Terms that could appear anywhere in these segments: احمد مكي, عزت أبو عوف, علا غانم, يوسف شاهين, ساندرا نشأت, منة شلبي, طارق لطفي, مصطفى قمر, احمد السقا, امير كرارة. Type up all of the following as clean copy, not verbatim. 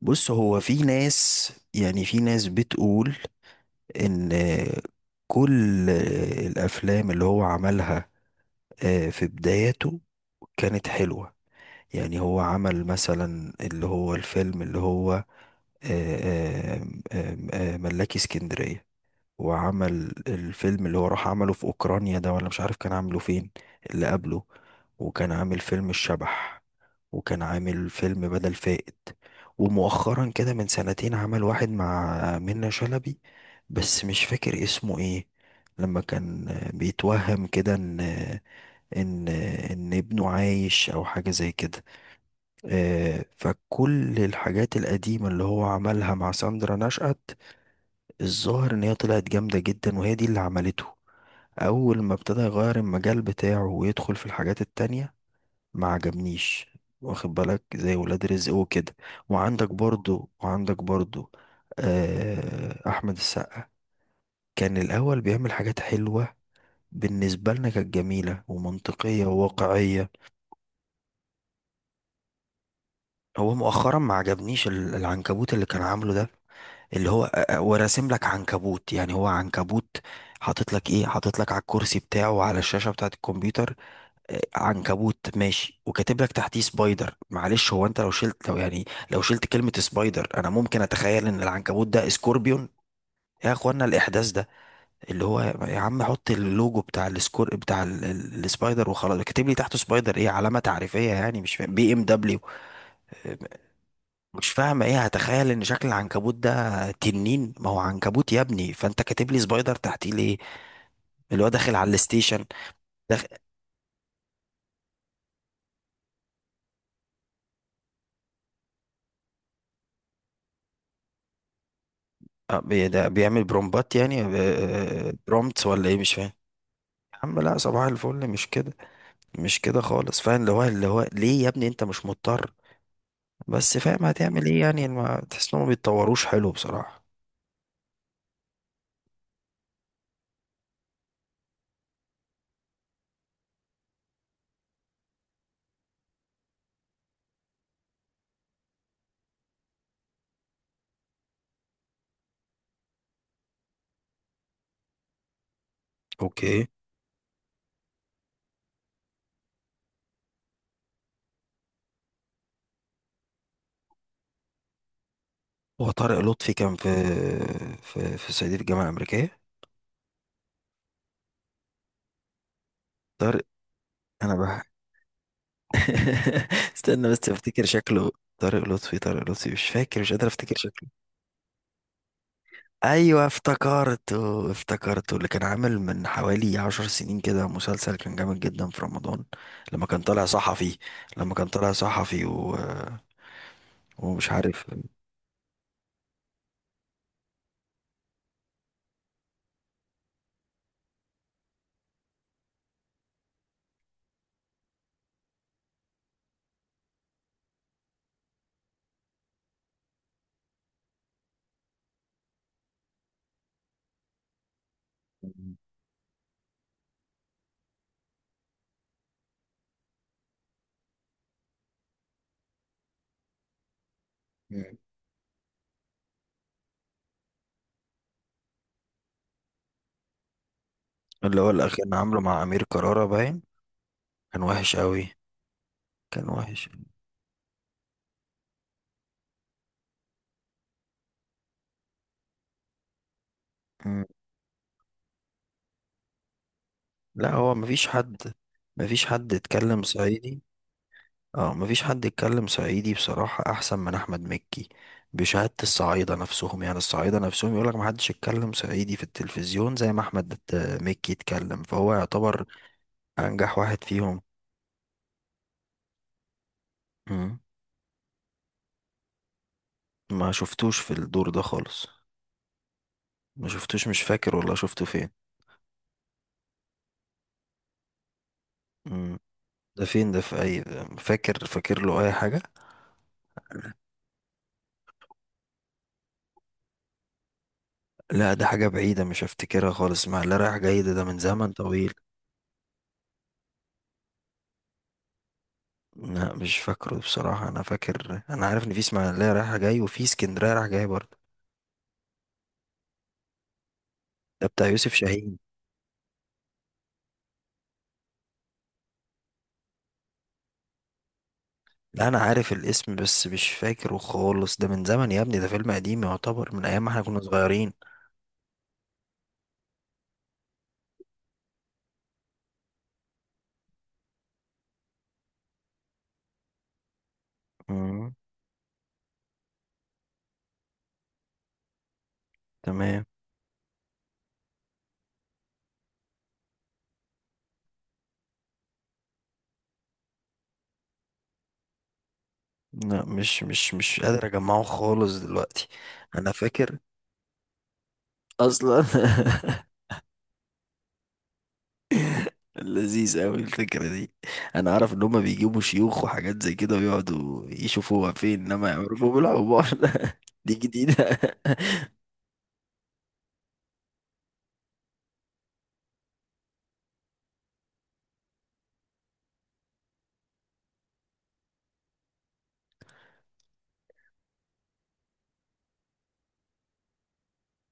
بص هو في ناس، يعني في ناس بتقول ان كل الافلام اللي هو عملها، في بداياته كانت حلوة. يعني هو عمل مثلا اللي هو الفيلم اللي هو آه، ملاكي اسكندرية، وعمل الفيلم اللي هو راح عمله في أوكرانيا ده، ولا مش عارف كان عامله فين اللي قبله. وكان عامل فيلم الشبح، وكان عامل فيلم بدل فائت. ومؤخرا كده من سنتين عمل واحد مع منة شلبي، بس مش فاكر اسمه ايه. لما كان بيتوهم كده ان ان ابنه عايش او حاجة زي كده. فكل الحاجات القديمة اللي هو عملها مع ساندرا نشأت، الظاهر ان هي طلعت جامدة جدا، وهي دي اللي عملته. اول ما ابتدى يغير المجال بتاعه ويدخل في الحاجات التانية ما عجبنيش. واخد بالك؟ زي ولاد رزق وكده. وعندك برضو آه احمد السقا. كان الاول بيعمل حاجات حلوة، بالنسبة لنا كانت جميلة ومنطقية وواقعية. هو مؤخرا ما عجبنيش العنكبوت اللي كان عامله ده، اللي هو وراسم لك عنكبوت، يعني هو عنكبوت. حاطط لك ايه، حاطط لك على الكرسي بتاعه وعلى الشاشة بتاعة الكمبيوتر عنكبوت ماشي، وكاتب لك تحتيه سبايدر. معلش، هو انت لو شلت، لو يعني لو شلت كلمة سبايدر انا ممكن اتخيل ان العنكبوت ده سكوربيون. يا اخوانا الاحداث ده، اللي هو يا عم حط اللوجو بتاع السكور بتاع السبايدر وخلاص، كاتب لي تحته سبايدر ايه؟ علامة تعريفية يعني؟ مش فاهم، بي ام دبليو؟ مش فاهم ايه، هتخيل ان شكل العنكبوت ده تنين؟ ما هو عنكبوت يا ابني، فانت كاتب لي سبايدر تحتيه ليه؟ اللي هو داخل على الستيشن، داخل ده بيعمل برومبات يعني، برومبتس ولا ايه؟ مش فاهم. يا عم لا، صباح الفل، مش كده، مش كده خالص. فاهم اللي هو اللي هو ليه يا ابني؟ انت مش مضطر. بس فاهم هتعمل ايه يعني، ما تحس انهم ما بيتطوروش حلو بصراحة. اوكي. هو طارق لطفي كان في في صعيدي في الجامعة الأمريكية؟ طارق، انا بح. استنى بس افتكر شكله. طارق لطفي، طارق لطفي، مش فاكر، مش قادر افتكر شكله. ايوه افتكرته، افتكرته، اللي كان عامل من حوالي 10 سنين كده مسلسل كان جامد جدا في رمضان، لما كان طالع صحفي. لما كان طالع صحفي و... ومش عارف. مم. اللي هو الاخير كان عامله مع امير كرارة باين. كان وحش قوي، كان وحش. مم. لا، هو مفيش حد، مفيش حد اتكلم صعيدي. اه، مفيش حد يتكلم صعيدي بصراحة احسن من احمد مكي، بشهادة الصعايدة نفسهم. يعني الصعايدة نفسهم يقولك محدش يتكلم صعيدي في التلفزيون زي ما احمد مكي يتكلم. فهو يعتبر انجح واحد فيهم. مم. ما شفتوش في الدور ده خالص، ما شفتوش، مش فاكر والله شفته فين. مم. ده فين؟ ده في اي؟ فاكر، فاكر له اي حاجة؟ لا ده حاجة بعيدة، مش هفتكرها خالص، مع اللي رايح جاي ده، ده من زمن طويل. لا مش فاكره بصراحة، أنا فاكر أنا عارف إن في إسماعيلية رايحة جاي، وفي اسكندرية رايح جاي برضه. ده بتاع يوسف شاهين. لا أنا عارف الاسم بس مش فاكره خالص، ده من زمن يا ابني، ده فيلم قديم، يعتبر من أيام ما إحنا كنا صغيرين. مم. تمام. لا، مش قادر أجمعه خالص دلوقتي. أنا فاكر أصلا. لذيذ أوي الفكرة دي. أنا عارف إن هما بيجيبوا شيوخ وحاجات زي كده ويقعدوا يشوفوها فين، إنما يعرفوا بالعبار. دي جديدة.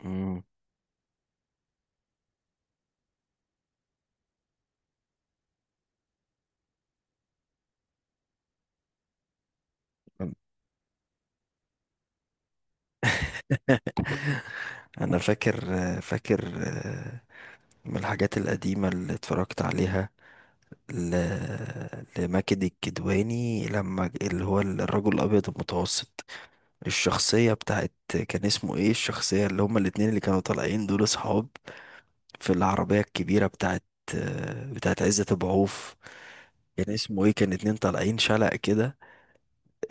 مم. انا فاكر، فاكر، من الحاجات القديمه اللي اتفرجت عليها ل... لماجد الكدواني، لما اللي هو الرجل الابيض المتوسط. الشخصيه بتاعت، كان اسمه ايه الشخصيه؟ اللي هما الاتنين اللي كانوا طالعين دول اصحاب في العربيه الكبيره بتاعت عزت أبو عوف. كان اسمه ايه؟ كان اتنين طالعين شلق كده.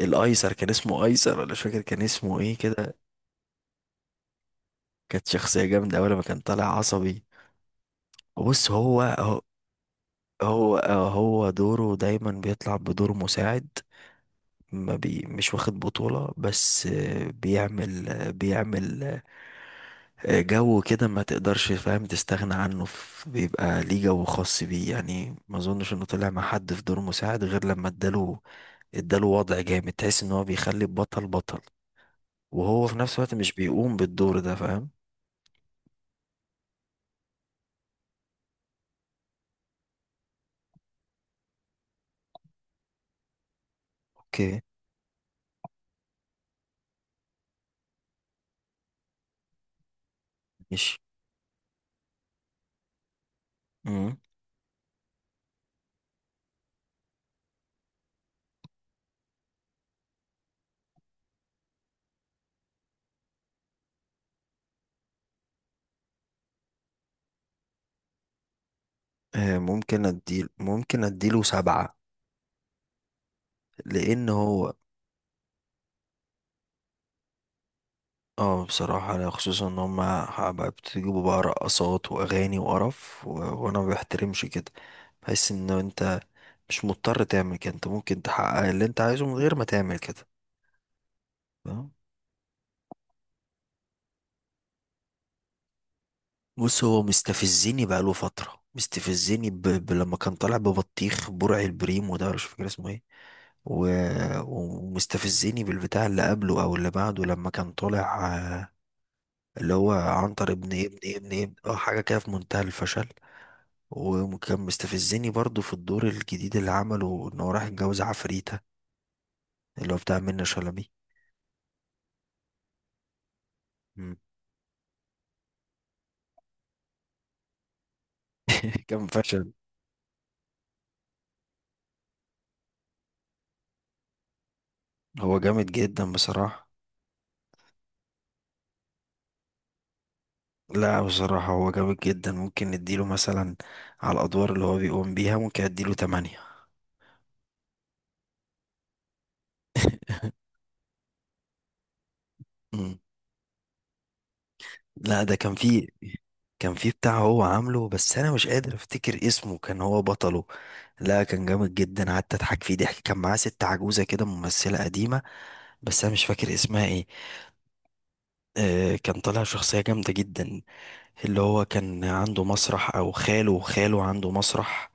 الايسر كان اسمه ايسر، ولا مش فاكر كان اسمه ايه كده. كانت شخصيه جامده، اول ما كان طالع عصبي. بص، هو هو دوره دايما بيطلع بدور مساعد، ما بي مش واخد بطولة. بس بيعمل جو كده ما تقدرش، فاهم، تستغنى عنه. بيبقى ليه جو خاص بيه، يعني ما اظنش انه طلع مع حد في دور مساعد غير لما اداله، اداله وضع جامد تحس ان هو بيخلي البطل بطل، وهو في نفس الوقت مش بيقوم بالدور ده. فاهم؟ اوكي، ماشي. مم. آه، ممكن اديله سبعة. لان هو، اه بصراحة أنا خصوصا ان هما بقى بتجيبوا بقى رقصات واغاني وقرف و... وانا ما بحترمش كده. بحس ان انت مش مضطر تعمل كده، انت ممكن تحقق اللي انت عايزه من غير ما تعمل كده. فاهم؟ بص، هو مستفزني، بقاله فترة مستفزني لما كان طالع ببطيخ برع البريم، وده مش فاكر اسمه ايه. و... ومستفزني بالبتاع اللي قبله او اللي بعده، لما كان طالع، اللي هو عنتر ابن ابن اه حاجة كده في منتهى الفشل. وكان مستفزني برضو في الدور الجديد اللي عمله، ان هو راح يتجوز عفريتة، اللي هو بتاع منة شلبي. مم. كان فشل. هو جامد جدا بصراحة. لا بصراحة هو جامد جدا، ممكن نديله مثلا على الأدوار اللي هو بيقوم بيها، ممكن أديله تمانية. مم. لا ده كان فيه، كان فيه بتاع هو عامله، بس أنا مش قادر أفتكر اسمه، كان هو بطله. لا كان جامد جدا، قعدت أضحك فيه ضحك. كان معاه ست عجوزة كده، ممثلة قديمة، بس أنا مش فاكر اسمها ايه. كان طالع شخصية جامدة جدا، اللي هو كان عنده مسرح، أو خاله عنده مسرح،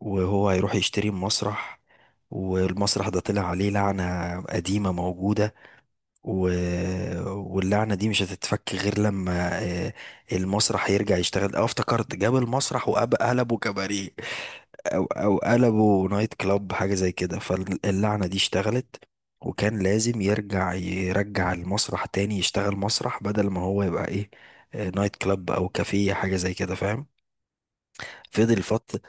وهو هيروح يشتري مسرح، والمسرح ده طلع عليه لعنة قديمة موجودة، و... واللعنة دي مش هتتفك غير لما المسرح يرجع يشتغل. اه افتكرت، جاب المسرح وقلبه كباريه، او او قلبوا نايت كلاب حاجه زي كده، فاللعنه دي اشتغلت، وكان لازم يرجع، يرجع المسرح تاني يشتغل مسرح، بدل ما هو يبقى ايه، نايت كلاب او كافيه حاجه زي كده. فاهم؟ فضل فتره.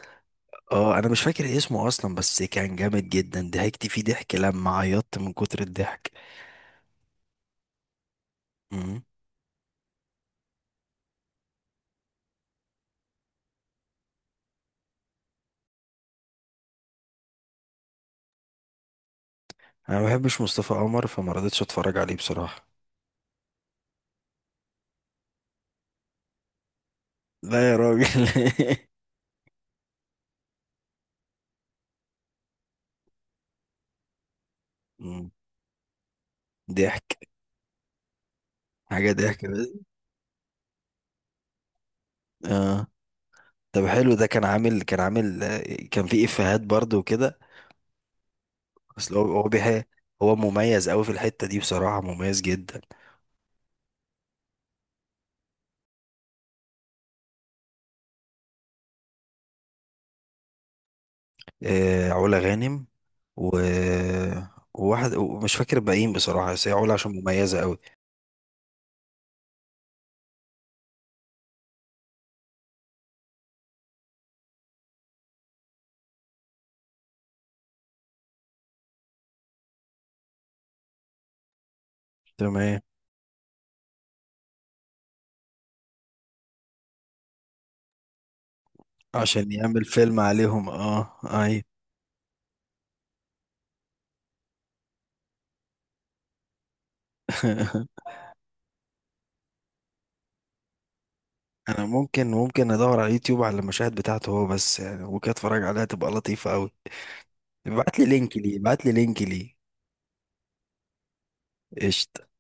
اه انا مش فاكر إيه اسمه اصلا، بس كان جامد جدا، ضحكت فيه ضحك لما عيطت من كتر الضحك. مم. انا ما بحبش مصطفى قمر فما رضيتش اتفرج عليه بصراحه. لا يا راجل. مم. ضحك. حاجه ضحك بس. اه. طب حلو، ده كان عامل، كان عامل، كان في افيهات برضه وكده. اصل هو هو مميز قوي في الحتة دي بصراحة، مميز جدا. آه علا غانم، و، وواحد ومش فاكر الباقيين بصراحة، بس هي علا عشان مميزة قوي. تمام. عشان يعمل فيلم عليهم، اه. اي. انا ممكن، ممكن ادور على اليوتيوب على المشاهد بتاعته هو بس يعني، وكده اتفرج عليها تبقى لطيفة قوي. ابعت لي لينك ليه، ابعت لي لينك ليه. قشطة.